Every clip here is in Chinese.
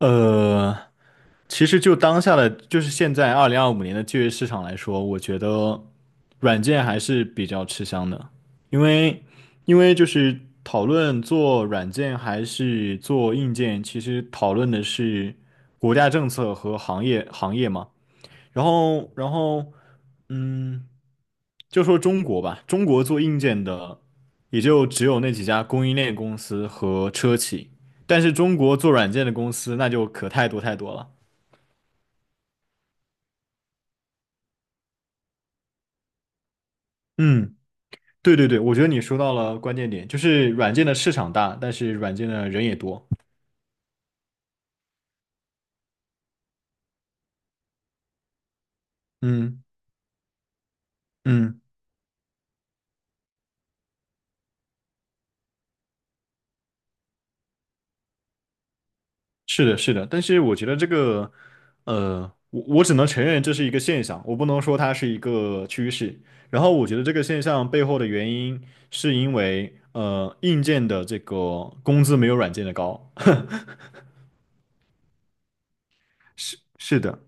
呃，其实就当下的，就是现在2025年的就业市场来说，我觉得软件还是比较吃香的，因为因为就是讨论做软件还是做硬件，其实讨论的是国家政策和行业嘛。然后,嗯，就说中国吧，中国做硬件的也就只有那几家供应链公司和车企，但是中国做软件的公司那就可太多太多了。嗯，对对对，我觉得你说到了关键点，就是软件的市场大，但是软件的人也多。嗯嗯。是的，是的，但是我觉得这个，我只能承认这是一个现象，我不能说它是一个趋势。然后我觉得这个现象背后的原因是因为，硬件的这个工资没有软件的高。是是的，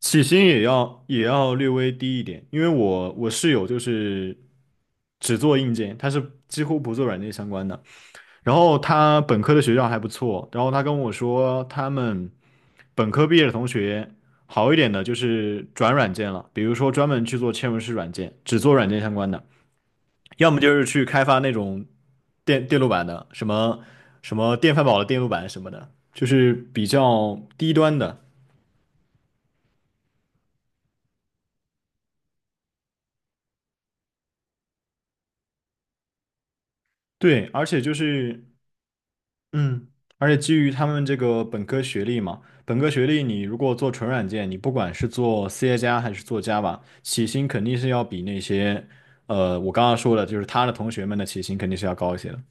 起薪也要略微低一点，因为我室友就是只做硬件，他是几乎不做软件相关的。然后他本科的学校还不错，然后他跟我说，他们本科毕业的同学好一点的就是转软件了，比如说专门去做嵌入式软件，只做软件相关的；要么就是去开发那种电路板的，什么电饭煲的电路板什么的，就是比较低端的。对，而且就是嗯，而且基于他们这个本科学历嘛，本科学历你如果做纯软件，你不管是做 C 加还是做 j 吧，起薪肯定是要比那些，我刚刚说的，就是他的同学们的起薪肯定是要高一些的。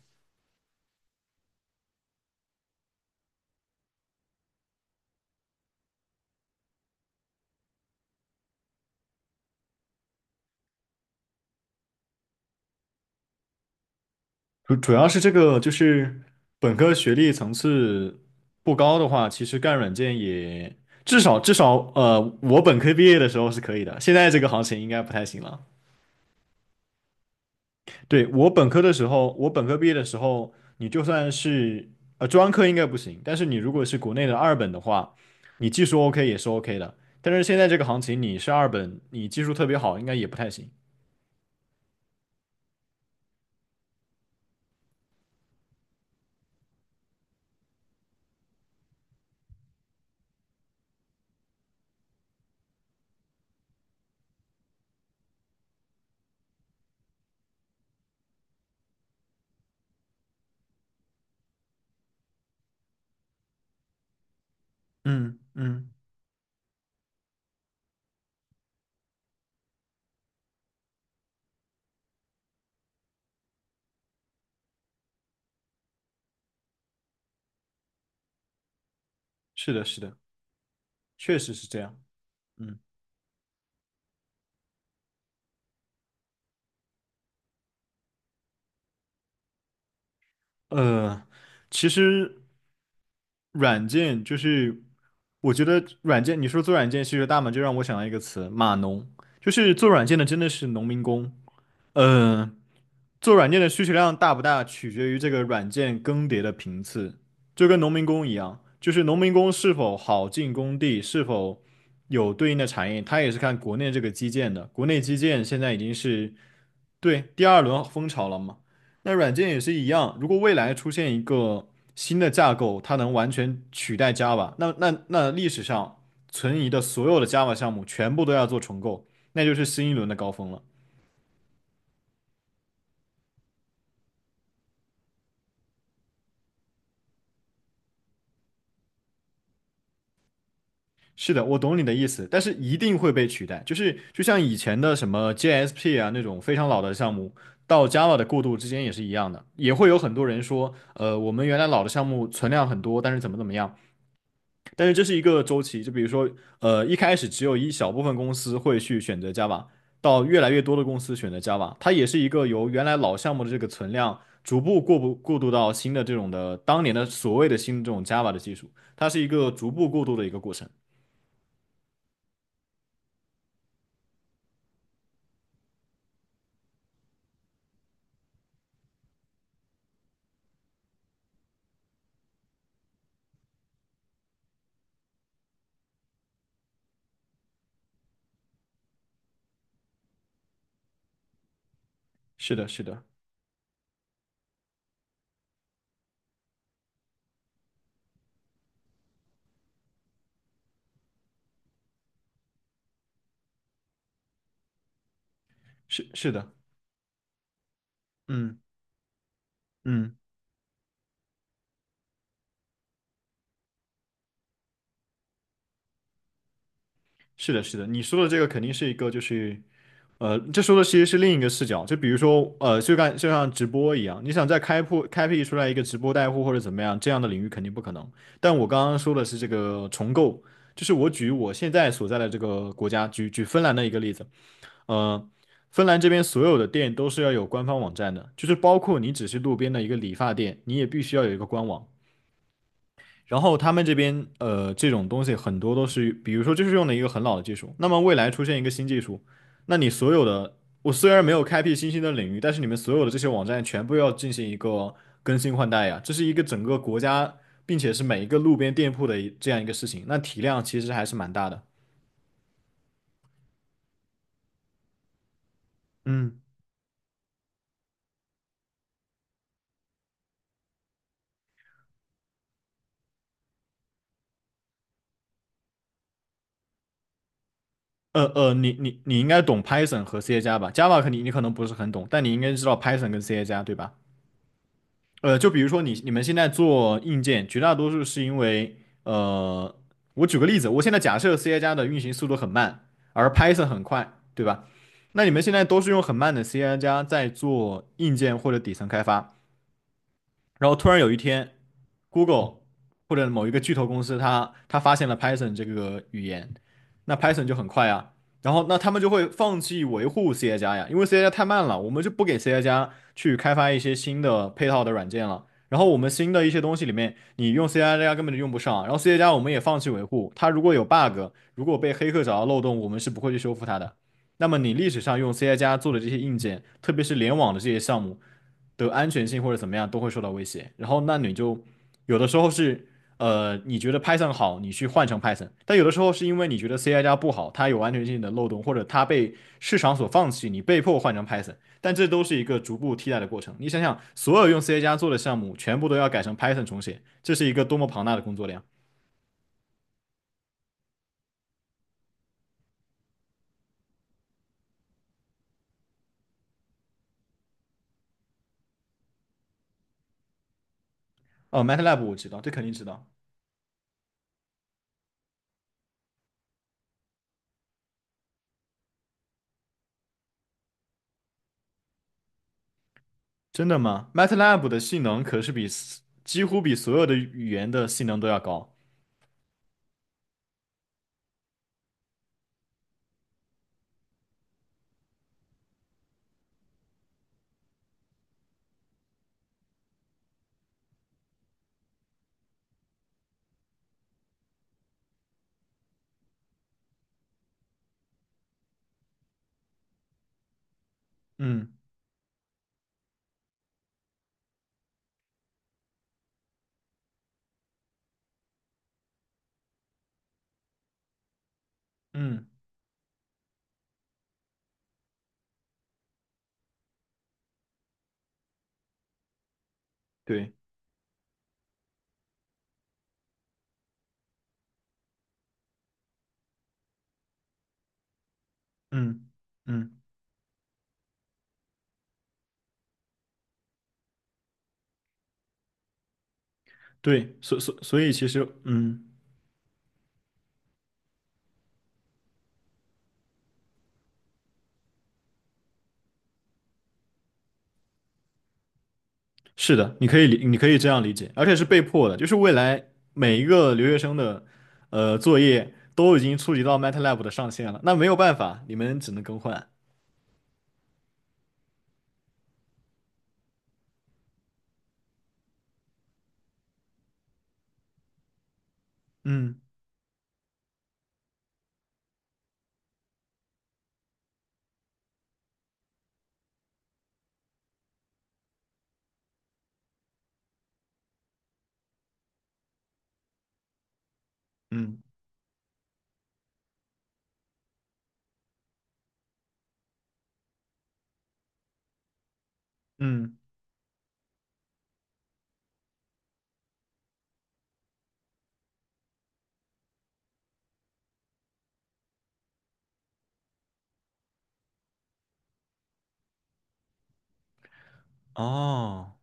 主要是这个就是本科学历层次不高的话，其实干软件也至少我本科毕业的时候是可以的，现在这个行情应该不太行了。对，我本科的时候，我本科毕业的时候，你就算是专科应该不行，但是你如果是国内的二本的话，你技术 OK 也是 OK 的。但是现在这个行情，你是二本，你技术特别好，应该也不太行。嗯嗯，是的，是的，确实是这样。嗯，呃，其实软件就是，我觉得软件，你说做软件需求大嘛，就让我想到一个词，码农，就是做软件的真的是农民工。嗯、做软件的需求量大不大，取决于这个软件更迭的频次，就跟农民工一样，就是农民工是否好进工地，是否有对应的产业，它也是看国内这个基建的。国内基建现在已经是对第二轮风潮了嘛，那软件也是一样，如果未来出现一个新的架构，它能完全取代 Java,那历史上存疑的所有的 Java 项目全部都要做重构，那就是新一轮的高峰了。是的，我懂你的意思，但是一定会被取代。就是就像以前的什么 j s p 啊那种非常老的项目，到 Java 的过渡之间也是一样的，也会有很多人说，我们原来老的项目存量很多，但是怎么样。但是这是一个周期，就比如说，一开始只有一小部分公司会去选择 Java,到越来越多的公司选择 Java,它也是一个由原来老项目的这个存量逐步过不过渡到新的这种的当年的所谓的新的这种 Java 的技术，它是一个逐步过渡的一个过程。是的，是的。是是的，嗯嗯，是的，是的，你说的这个肯定是一个，就是这说的其实是另一个视角，就比如说就像直播一样，你想再开辟出来一个直播带货或者怎么样这样的领域肯定不可能。但我刚刚说的是这个重构，就是我举我现在所在的这个国家，举芬兰的一个例子，呃，芬兰这边所有的店都是要有官方网站的，就是包括你只是路边的一个理发店，你也必须要有一个官网。然后他们这边这种东西很多都是，比如说就是用的一个很老的技术。那么未来出现一个新技术，那你所有的，我虽然没有开辟新兴的领域，但是你们所有的这些网站全部要进行一个更新换代呀，这是一个整个国家，并且是每一个路边店铺的一这样一个事情，那体量其实还是蛮大的。嗯，你应该懂 Python 和 C 加加吧？Java 可你可能不是很懂，但你应该知道 Python 跟 C 加加对吧？就比如说你们现在做硬件，绝大多数是因为，呃，我举个例子，我现在假设 C 加加的运行速度很慢，而 Python 很快，对吧？那你们现在都是用很慢的 C 加加在做硬件或者底层开发，然后突然有一天，Google 或者某一个巨头公司它发现了 Python 这个语言，那 Python 就很快啊。然后那他们就会放弃维护 C 加加呀，因为 C 加加太慢了，我们就不给 C 加加去开发一些新的配套的软件了。然后我们新的一些东西里面，你用 C 加加根本就用不上。然后 C 加加我们也放弃维护，它如果有 bug,如果被黑客找到漏洞，我们是不会去修复它的。那么你历史上用 C 加加做的这些硬件，特别是联网的这些项目，的安全性或者怎么样都会受到威胁。然后那你就有的时候是你觉得 Python 好，你去换成 Python,但有的时候是因为你觉得 C 加加不好，它有安全性的漏洞，或者它被市场所放弃，你被迫换成 Python。但这都是一个逐步替代的过程。你想想，所有用 C 加加做的项目，全部都要改成 Python 重写，这是一个多么庞大的工作量。哦，MATLAB 我知道，这肯定知道。真的吗？MATLAB 的性能可是比几乎比所有的语言的性能都要高。嗯嗯，对。嗯嗯，对，所以其实，嗯，是的，你可以这样理解，而且是被迫的，就是未来每一个留学生的作业都已经触及到 MATLAB 的上限了，那没有办法，你们只能更换。嗯嗯嗯，哦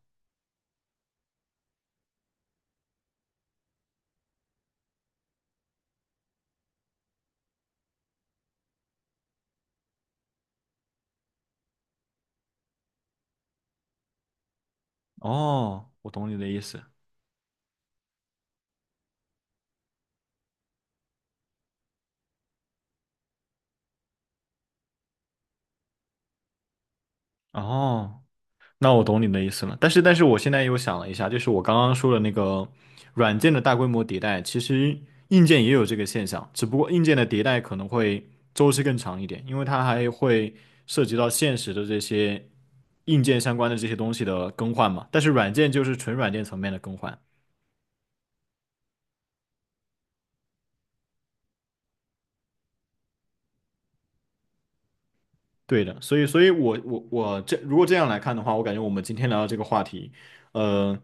哦，我懂你的意思。哦。那我懂你的意思了，但是我现在又想了一下，就是我刚刚说的那个软件的大规模迭代，其实硬件也有这个现象，只不过硬件的迭代可能会周期更长一点，因为它还会涉及到现实的这些硬件相关的这些东西的更换嘛。但是软件就是纯软件层面的更换。对的，所以我这如果这样来看的话，我感觉我们今天聊的这个话题，呃，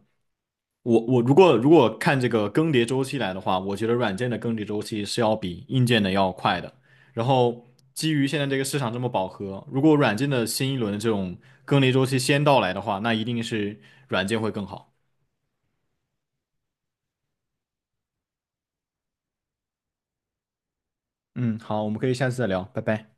我如果看这个更迭周期来的话，我觉得软件的更迭周期是要比硬件的要快的。然后基于现在这个市场这么饱和，如果软件的新一轮的这种更迭周期先到来的话，那一定是软件会更好。嗯，好，我们可以下次再聊，拜拜。